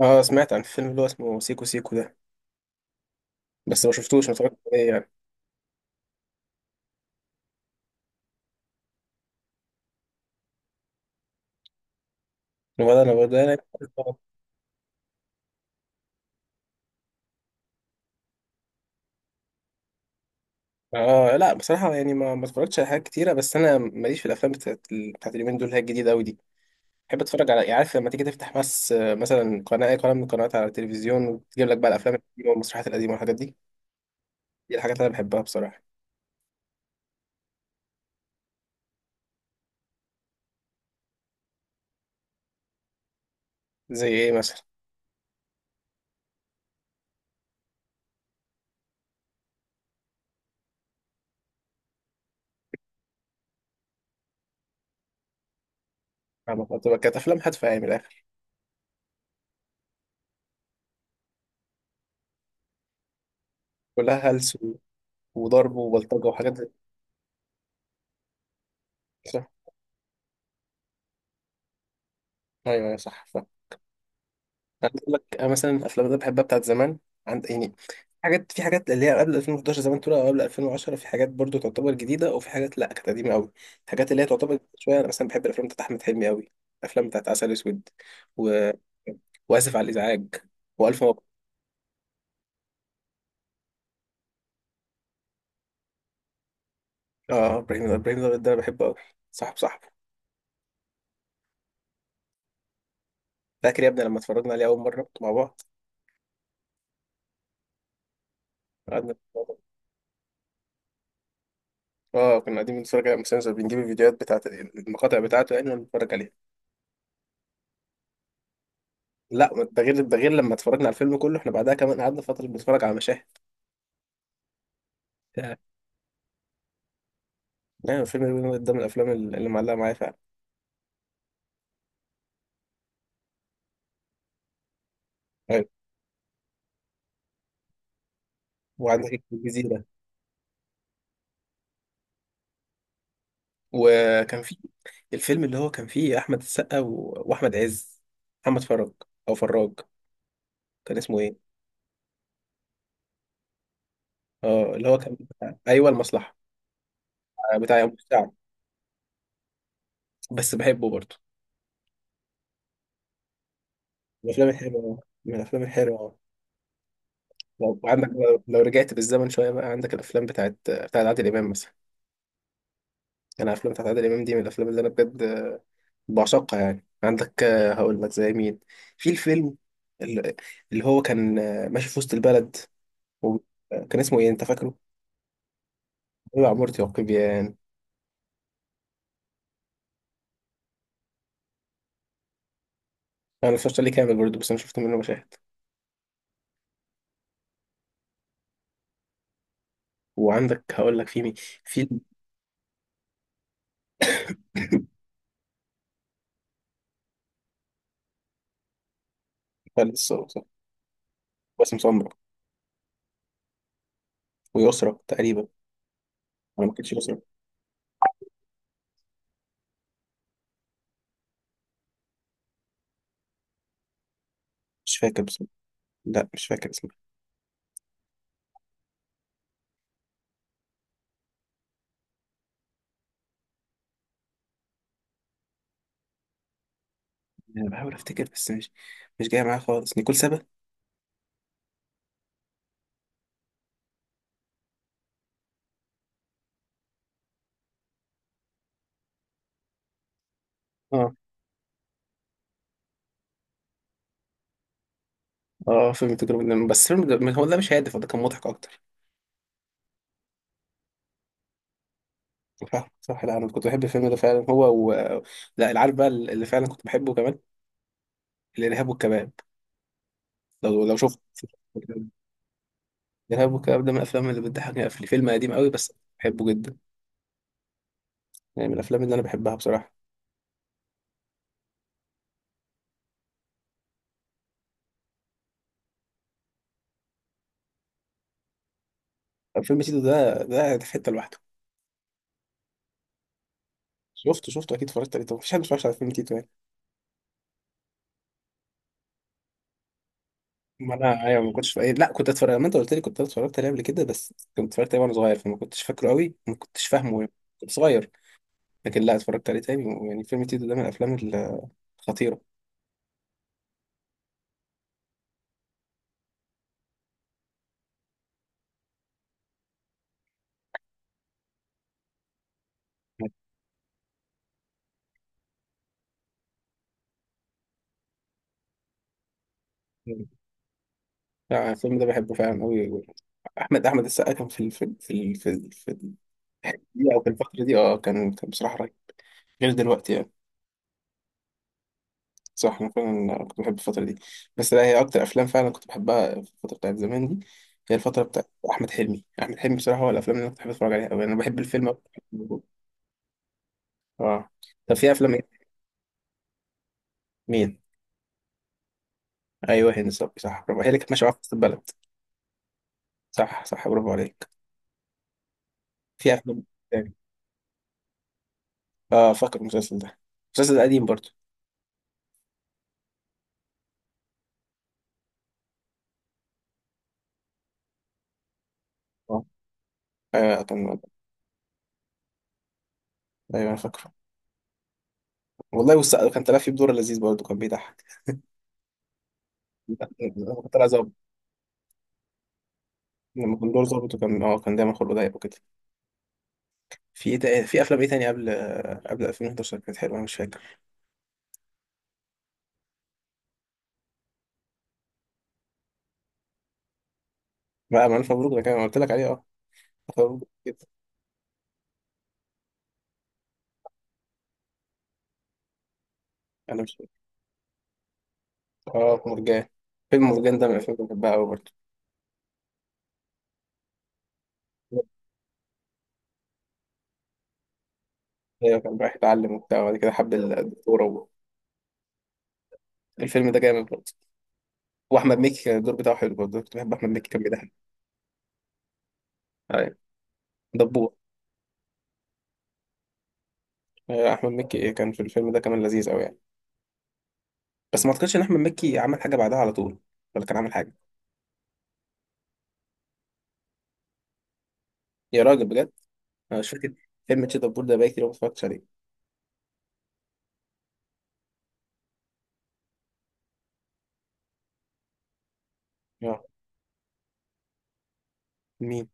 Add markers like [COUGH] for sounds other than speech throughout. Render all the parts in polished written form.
اه، سمعت عن الفيلم اللي هو اسمه سيكو سيكو ده. بس ما شفتوش، ما اتفرجتش عليه يعني. ولا انا ولا انا. اه لا، بصراحة يعني ما اتفرجتش على حاجات كتيرة، بس انا ماليش في الافلام بتاعت اليومين دول اللي هي الجديدة قوي دي. بحب اتفرج على يعني، عارف لما تيجي تفتح بس مثلا قناة، اي قناة من القنوات على التلفزيون، وتجيب لك بقى الافلام القديمة والمسرحيات القديمة والحاجات دي. دي الحاجات اللي انا بحبها بصراحة. زي ايه مثلا؟ كانت افلام هادفة يعني من الاخر. كلها هلس وضرب وبلطجة وحاجات زي كده، صح. ايوه أيوة، صح. انا بقول لك، أنا مثلا الافلام اللي أنا بحبها بتاعت زمان، عند يعني حاجات، في حاجات اللي هي قبل 2011 زمان، تقول او قبل 2010، في حاجات برضو تعتبر جديده، وفي حاجات لا، كانت قديمه قوي. الحاجات اللي هي تعتبر جديدة شويه، انا مثلا بحب الافلام بتاعت احمد حلمي قوي. الافلام بتاعت عسل اسود، و... واسف على الازعاج، والف مبروك. اه ابراهيم ابراهيم الأبيض ده انا بحبه قوي. صاحبه. فاكر يا ابني لما اتفرجنا عليه اول مره مع بعض؟ قعدنا. اه كنا قاعدين بنتفرج على المسلسل، بنجيب الفيديوهات بتاعت المقاطع بتاعته يعني ونتفرج عليها. لا، ما ده غير، ده غير. لما اتفرجنا على الفيلم كله، احنا بعدها كمان قعدنا فترة بنتفرج على مشاهد. يعني الفيلم ده من الافلام اللي معلقة معايا فعلا. أيوة. وعندك الجزيرة. وكان في الفيلم اللي هو كان فيه احمد السقا و... واحمد عز، محمد فرج او فراج، كان اسمه ايه؟ اه اللي هو كان ايوه، المصلحة. بتاع يوم الساعة. بس بحبه برضه. من الافلام الحلوة، من الافلام الحلوة. وعندك، لو رجعت بالزمن شوية بقى، عندك الافلام بتاعت عادل امام مثلا. انا الافلام بتاعت عادل امام دي من الافلام اللي انا بجد بعشقها يعني. عندك هقول لك زي مين. في الفيلم ال- اللي هو كان ماشي في وسط البلد، وكان اسمه ايه انت فاكره؟ هو عمارة يعقوبيان. انا مش عليه كامل برضه، بس انا شفت منه مشاهد. وعندك هقول لك في مين، في [LAUGHS] لسه باسم [COUGHS] سمرة، ويسرا تقريبا. انا ما كنتش يسرا. مش فاكر بس. لا مش فاكر اسمها. انا بحاول افتكر بس مش، مش جاي معايا خالص، نيكول سابا. اه. اه فيلم تجربة، بس فيلم هو ده مش هادف، هو ده كان مضحك اكتر. صح صح. لا انا كنت بحب الفيلم ده فعلا، هو و... لا العارف بقى اللي فعلا كنت بحبه كمان، الارهاب والكباب. لو شفت. [LAUGHS] الارهاب والكباب ده من الافلام اللي بتضحكني قفل. فيلم قديم قوي بس بحبه جدا. يعني من الافلام اللي انا بحبها بصراحه. فيلم تيتو ده، في حته لوحده. شفته اكيد، اتفرجت عليه. طب مفيش حد ما اتفرجش على فيلم تيتو يعني. ما انا ايوه، ما كنتش في أي... لا كنت اتفرج، ما انت قلت لي كنت اتفرجت عليه قبل كده، بس كنت اتفرجت عليه وانا صغير، فما كنتش فاكره قوي، ما كنتش فاهمه يعني. كنت صغير. لكن لا، اتفرجت عليه تاني يعني. فيلم تيتو ده من الافلام الخطيره. لا، الفيلم ده بحبه فعلا قوي. احمد السقا كان في الفيلم، في الدقيقه او في الفتره دي، اه كان كان بصراحه رهيب، غير دلوقتي يعني. صح، انا فعلا كنت بحب الفتره دي. بس لا، هي اكتر افلام فعلا كنت بحبها في الفتره بتاعت زمان دي، هي الفتره بتاعت احمد حلمي. احمد حلمي بصراحه هو الافلام اللي انا كنت بحب اتفرج عليها قوي، انا بحب الفيلم أكتر. اه. طب في افلام إيه؟ مين؟ ايوه هند صبري، صح برافو، هي اللي كانت ماشيه معاها في وسط البلد. صح صح، برافو عليك. في افلام تاني. اه فاكر المسلسل ده، المسلسل ده قديم برضه. اه كان ايوه انا فاكره. والله بص، كان طلع فيه بدور لذيذ برضه، كان بيضحك. لما كان طلع ظابط. لما كان دور ظابط وكان اه كان دايما خلقه ضيق وكده. في ايه تاني، في افلام ايه تاني قبل، قبل 2011 كانت حلوه، انا مش فاكر. بقى، ما الف مبروك ده كان أنا قلت لك عليه. اه ألف مبروك جدا. انا مش فاكر. اه مرجان. فيلم مرجان ده من الافلام اللي بحبها قوي برضه. ايوه كان رايح يتعلم وبتاع، وبعد كده حب الدكتوره و... الفيلم ده جامد برضه. واحمد مكي كان الدور بتاعه حلو برضه، كنت بحب احمد مكي كان بيضحك. ايوه. دبور. أيوة، احمد مكي كان في الفيلم ده كمان لذيذ قوي. بس ما اعتقدش ان احمد مكي عمل حاجه بعدها على طول، ولا كان عامل حاجه. يا راجل بجد، انا مش فاكر. فيلم تشيتابور ده بقى كتير أوي ما اتفرجتش عليه. اه. مين؟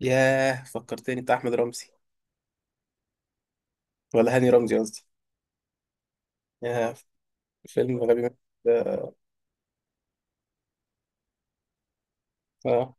ياه فكرتني، بتاع احمد رمزي، ولا هاني رمزي قصدي. ياه، فيلم غبي منه ده. اه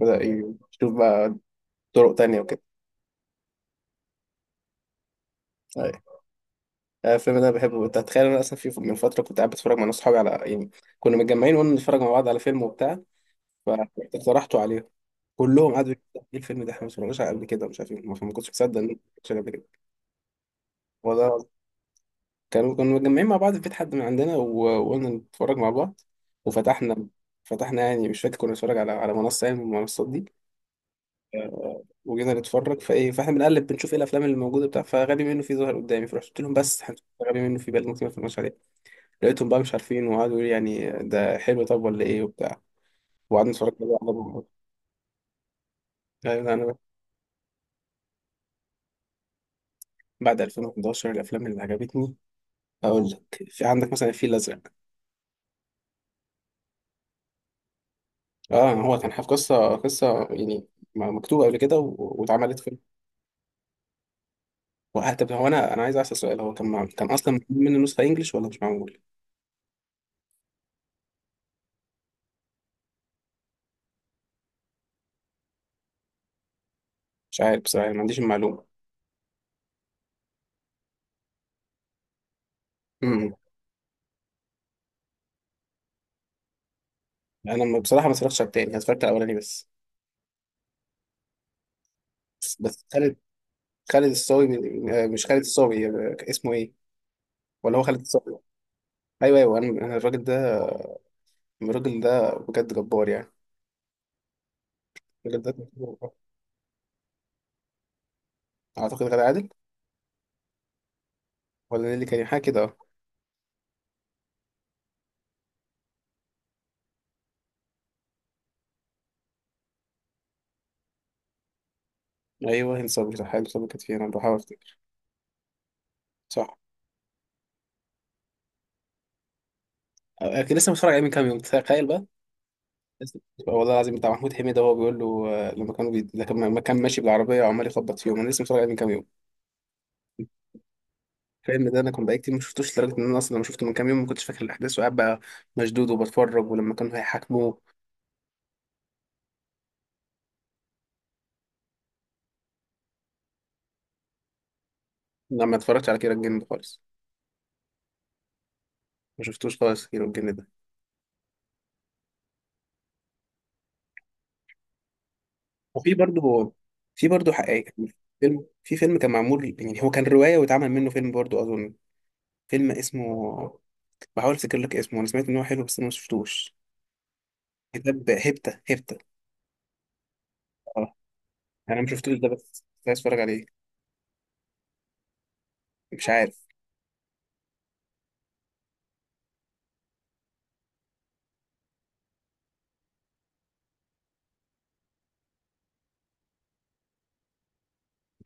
بدأ يشوف بقى طرق تانية وكده. أيوة. الفيلم ده بحبه. انت هتخيل انا اصلا في من فتره كنت قاعد بتفرج مع ناس صحابي على يعني، كنا متجمعين وقلنا نتفرج مع بعض على فيلم وبتاع، فاقترحته عليهم، كلهم قعدوا يقولوا ايه الفيلم ده احنا ما اتفرجناش عليه قبل كده مش عارف ايه، ما كنتش مصدق انه ما اتفرجتش عليه قبل كده. هو ده. كانوا متجمعين مع بعض في بيت حد من عندنا وقلنا نتفرج مع بعض، وفتحنا، فتحنا يعني، مش فاكر، كنا بنتفرج على منصة يعني من المنصات دي. وجينا نتفرج، فايه، فاحنا بنقلب، بنشوف ايه الافلام اللي موجوده بتاع فغبي منه فيه ظهر قدامي، فرحت قلت لهم بس هنشوف غبي منه فيه، بقى ممكن ما اتفرجش عليه. لقيتهم بقى مش عارفين، وقعدوا يقولوا لي يعني ده حلو طب ولا ايه وبتاع، وقعدنا نتفرج بقى على بعض. يعني انا بقى. بعد 2011، الافلام اللي عجبتني، اقول لك، في عندك مثلا الفيل الازرق. اه هو كان حاجة، قصه يعني مكتوبه قبل كده واتعملت. طب هو، انا عايز اسال سؤال، هو كان مع... كان اصلا معمول منه نسخه انجلش ولا مش معمول؟ مش عارف بصراحه، ما عنديش المعلومه. امم. انا بصراحه ما اتفرجتش على التاني، أنا اتفرجت على الاولاني بس. بس خالد، خالد الصاوي مش خالد الصاوي، اسمه ايه؟ ولا هو خالد الصاوي. ايوه ايوه، انا الراجل ده، الراجل ده بجد جبار يعني. الراجل ده، اعتقد غادة عادل. ولا نيللي كريم، حاجه كده اه. ايوه هند صبري صح، هند صبري كانت فيها، انا بحاول افتكر. صح. كنت لسه متفرج عليه من كام يوم، تخيل بقى. والله العظيم، بتاع محمود حميدة، هو بيقول له لما كانوا لما كان ماشي بالعربية وعمال يخبط فيهم، أنا لسه متفرج عليه من كام يوم. الفيلم ده أنا كنت بقالي كتير ما شفتوش، لدرجة إن أنا أصلا لما شفته من كام يوم ما كنتش فاكر الأحداث، وقاعد بقى مشدود وبتفرج، ولما كانوا هيحاكموه. لا، ما اتفرجتش على كيرة الجن ده خالص. ما شفتوش خالص كيرة الجن ده. وفي برضه، في برضه حقائق. فيلم، في فيلم كان معمول يعني، هو كان رواية واتعمل منه فيلم برضه أظن. فيلم اسمه، بحاول أفتكر لك اسمه، أنا سمعت إن هو حلو بس أنا ما شفتوش. كتاب هيبتا، هيبتا. آه. انا ما شفتوش ده، بس كنت عايز اتفرج عليه. مش عارف.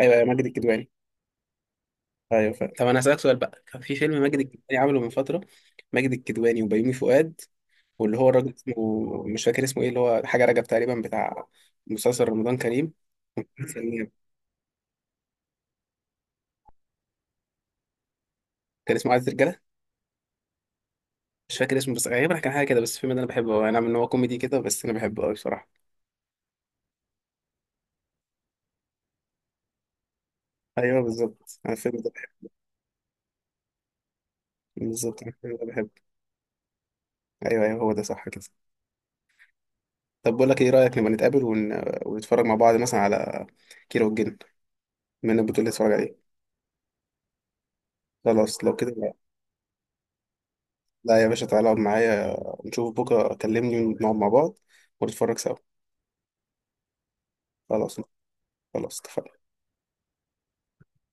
ايوه يا ماجد الكدواني. ايوه. طب انا هسألك سؤال، بقى كان في فيلم ماجد الكدواني عمله من فترة، ماجد الكدواني وبيومي فؤاد، واللي هو الراجل اسمه، مش فاكر اسمه ايه، اللي هو حاجة رجب تقريبا، بتاع مسلسل رمضان كريم. ثانية. كان اسمه عايز رجالة. مش فاكر اسمه بس غالبا كان حاجة كده. بس الفيلم ده انا بحبه أوي. انا، من هو كوميدي كده بس انا بحبه قوي بصراحة. ايوه بالظبط انا الفيلم ده بحبه. بالظبط انا الفيلم ده بحبه. ايوه ايوه هو ده صح كده. طب بقول لك ايه رأيك نبقى نتقابل ون... ونتفرج مع بعض مثلا على كيرة والجن، من البطولة اللي اتفرج عليه. خلاص لو كده. لا لا يا باشا، تعالى اقعد معايا، نشوف بكرة كلمني ونقعد مع بعض ونتفرج سوا. خلاص. خلاص اتفقنا.